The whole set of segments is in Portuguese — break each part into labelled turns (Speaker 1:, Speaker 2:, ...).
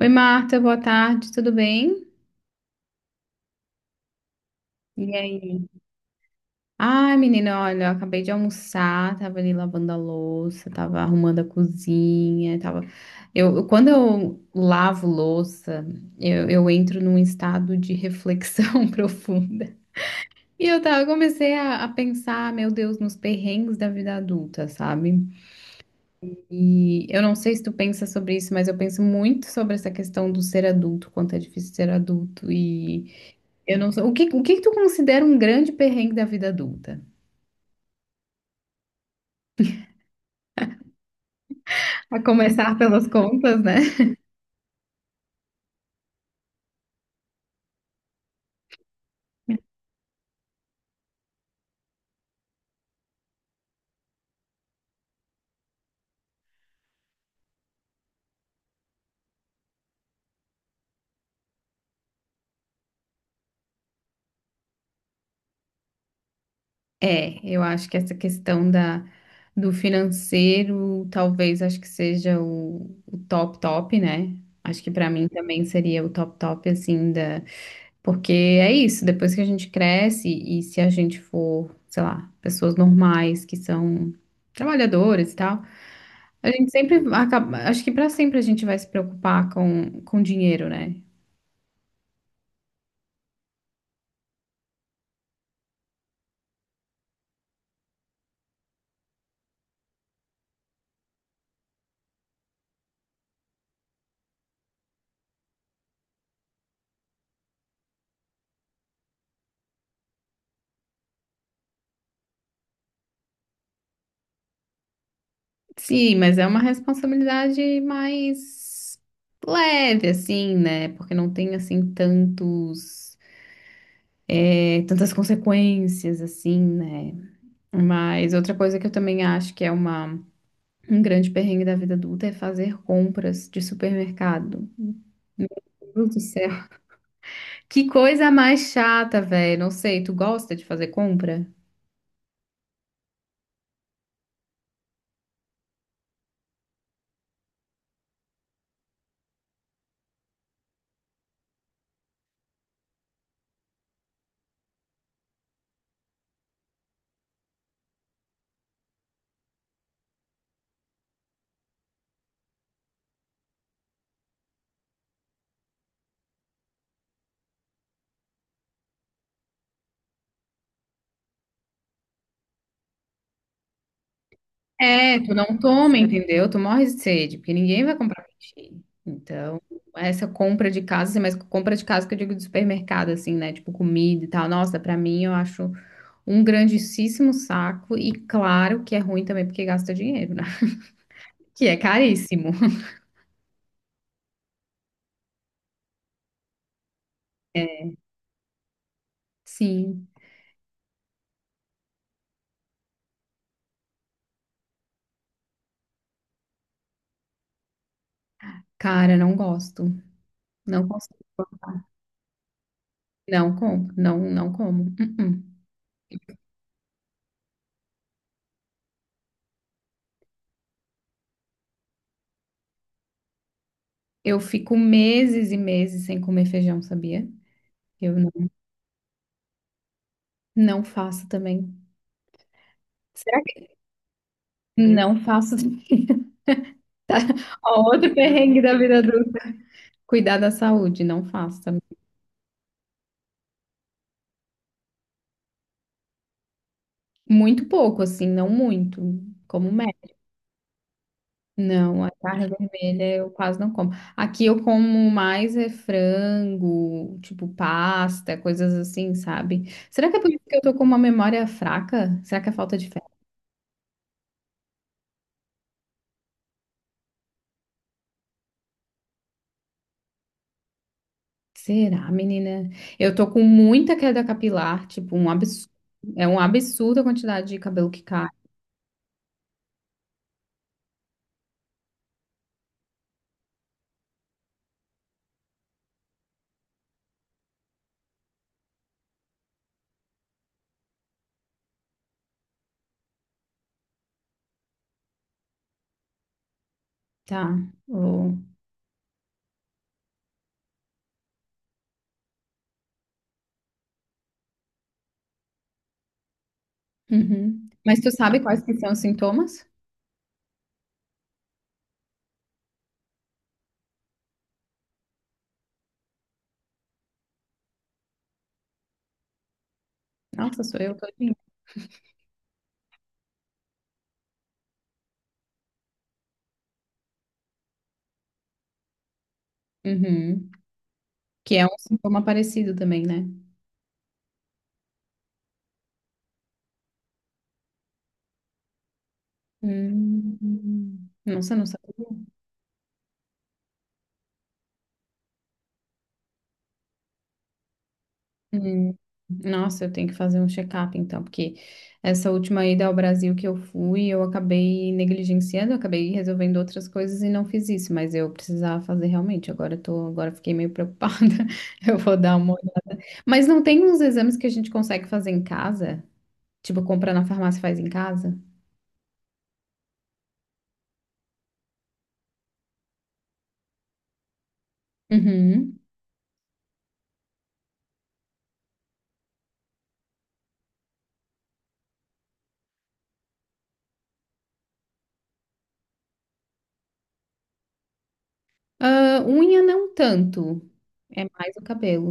Speaker 1: Oi, Marta, boa tarde, tudo bem? E aí? Ai, menina, olha, eu acabei de almoçar, tava ali lavando a louça, tava arrumando a cozinha, tava... quando eu lavo louça, eu entro num estado de reflexão profunda. E eu tava, eu comecei a pensar, meu Deus, nos perrengues da vida adulta, sabe? E eu não sei se tu pensa sobre isso, mas eu penso muito sobre essa questão do ser adulto, quanto é difícil ser adulto e... Eu não sou. O que que tu considera um grande perrengue da vida adulta? A começar pelas contas, né? É, eu acho que essa questão da, do financeiro, talvez acho que seja o top top, né? Acho que pra mim também seria o top top, assim, da... Porque é isso, depois que a gente cresce e se a gente for, sei lá, pessoas normais que são trabalhadoras e tal, a gente sempre acaba... Acho que pra sempre a gente vai se preocupar com dinheiro, né? Sim, mas é uma responsabilidade mais leve, assim, né? Porque não tem, assim, tantos, é, tantas consequências, assim, né? Mas outra coisa que eu também acho que é uma, um grande perrengue da vida adulta é fazer compras de supermercado. Meu Deus do céu. Que coisa mais chata, velho. Não sei, tu gosta de fazer compra? É, tu não toma, entendeu? Tu morre de sede, porque ninguém vai comprar pra ti. Então, essa compra de casa, assim, mas compra de casa que eu digo de supermercado, assim, né? Tipo comida e tal. Nossa, pra mim eu acho um grandíssimo saco. E claro que é ruim também porque gasta dinheiro, né? Que é caríssimo. É, sim, cara, não gosto. Não consigo. Não compro, não, não como. Uh-uh. Eu fico meses e meses sem comer feijão, sabia? Eu não, não faço também. Não faço. Ó, outro perrengue da vida adulta. Cuidar da saúde, não faça. Muito pouco, assim, não muito. Como médico. Não, a carne vermelha eu quase não como. Aqui eu como mais é frango, tipo pasta, coisas assim, sabe? Será que é por isso que eu tô com uma memória fraca? Será que é falta de fé? Será, menina? Eu tô com muita queda capilar, tipo, um absurdo. É um absurdo a quantidade de cabelo que cai. Tá. Ô. Uhum. Mas tu sabe quais que são os sintomas? Nossa, sou eu todinha. Uhum. Que é um sintoma parecido também, né? Hum. Nossa, não sabia. Hum. Nossa, eu tenho que fazer um check-up então, porque essa última ida ao Brasil que eu fui, eu acabei negligenciando, eu acabei resolvendo outras coisas e não fiz isso, mas eu precisava fazer realmente. Agora eu tô, agora eu fiquei meio preocupada. Eu vou dar uma olhada. Mas não tem uns exames que a gente consegue fazer em casa? Tipo, compra na farmácia e faz em casa? Uhum. Ah, unha não tanto. É mais o cabelo.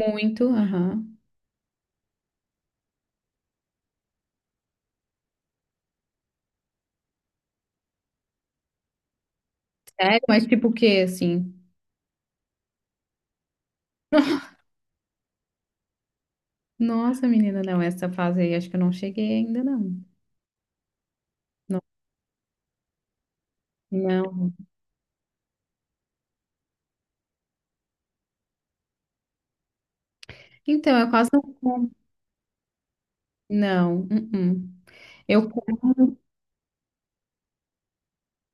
Speaker 1: Muito, aham. Sério? Mas tipo o quê, assim? Nossa, menina, não, essa fase aí acho que eu não cheguei ainda, não. Não, não. Então, eu quase não como. Não, uh-uh. Eu como,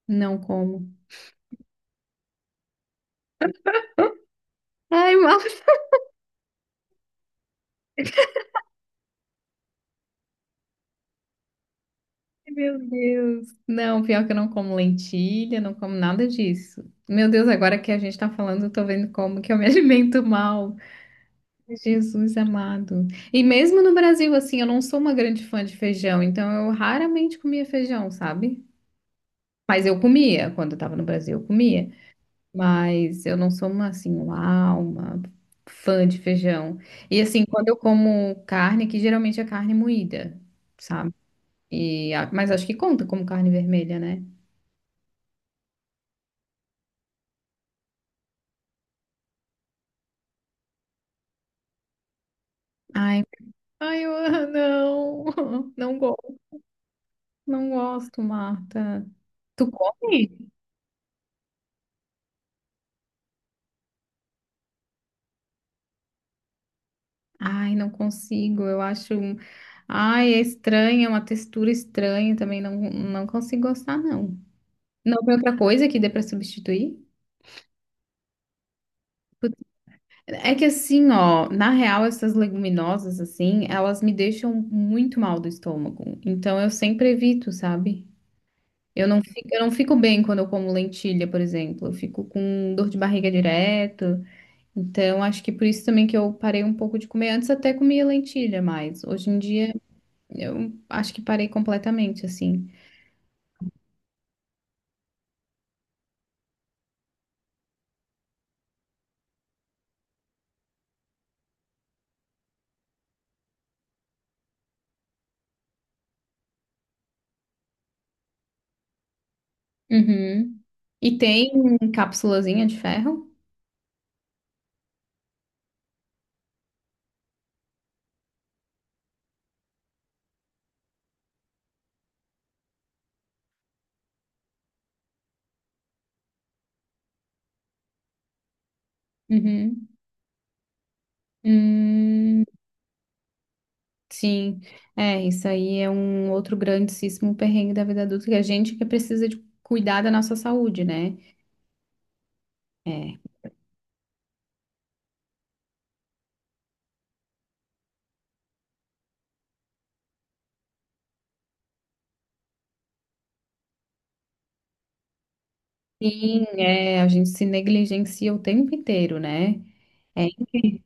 Speaker 1: não como. Ai, mal. Meu Deus. Não, pior que eu não como lentilha, não como nada disso. Meu Deus, agora que a gente tá falando, eu tô vendo como que eu me alimento mal. Jesus amado. E mesmo no Brasil, assim, eu não sou uma grande fã de feijão, então eu raramente comia feijão, sabe? Mas eu comia, quando eu tava no Brasil, eu comia. Mas eu não sou uma, assim, uau, uma fã de feijão. E assim, quando eu como carne, que geralmente é carne moída, sabe? Mas acho que conta como carne vermelha, né? Ai, ai, eu, não, não gosto, não gosto, Marta. Tu come? Ai, não consigo. Ai, é estranha, é uma textura estranha também. Não, não consigo gostar, não. Não tem outra coisa que dê pra substituir? Putz, é que assim, ó, na real, essas leguminosas, assim, elas me deixam muito mal do estômago. Então eu sempre evito, sabe? Eu não fico bem quando eu como lentilha, por exemplo. Eu fico com dor de barriga direto. Então acho que por isso também que eu parei um pouco de comer. Antes até comia lentilha mais. Hoje em dia. Eu acho que parei completamente, assim. Uhum. E tem cápsulazinha de ferro? Uhum. Hum, sim. É, isso aí é um outro grandíssimo perrengue da vida adulta, que a gente que precisa de cuidar da nossa saúde, né? É. Sim, é, a gente se negligencia o tempo inteiro, né? É incrível.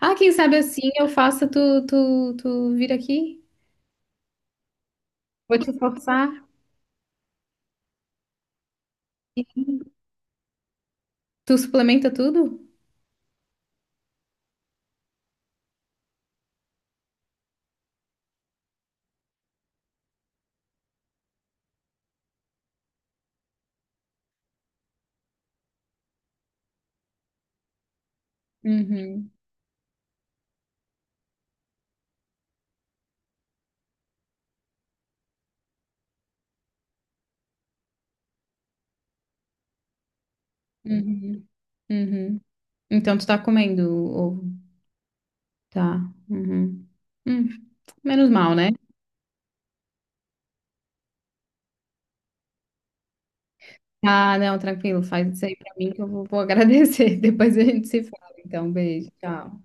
Speaker 1: Ah, quem sabe assim eu faço tu, tu vir aqui? Vou te forçar. Tu suplementa tudo? Uhum. Uhum. Uhum. Então tu tá comendo ovo. Tá. Uhum. Hum, menos mal, né? Ah, não, tranquilo. Faz isso aí pra mim que eu vou, vou agradecer. Depois a gente se fala. Então, beijo. Tchau.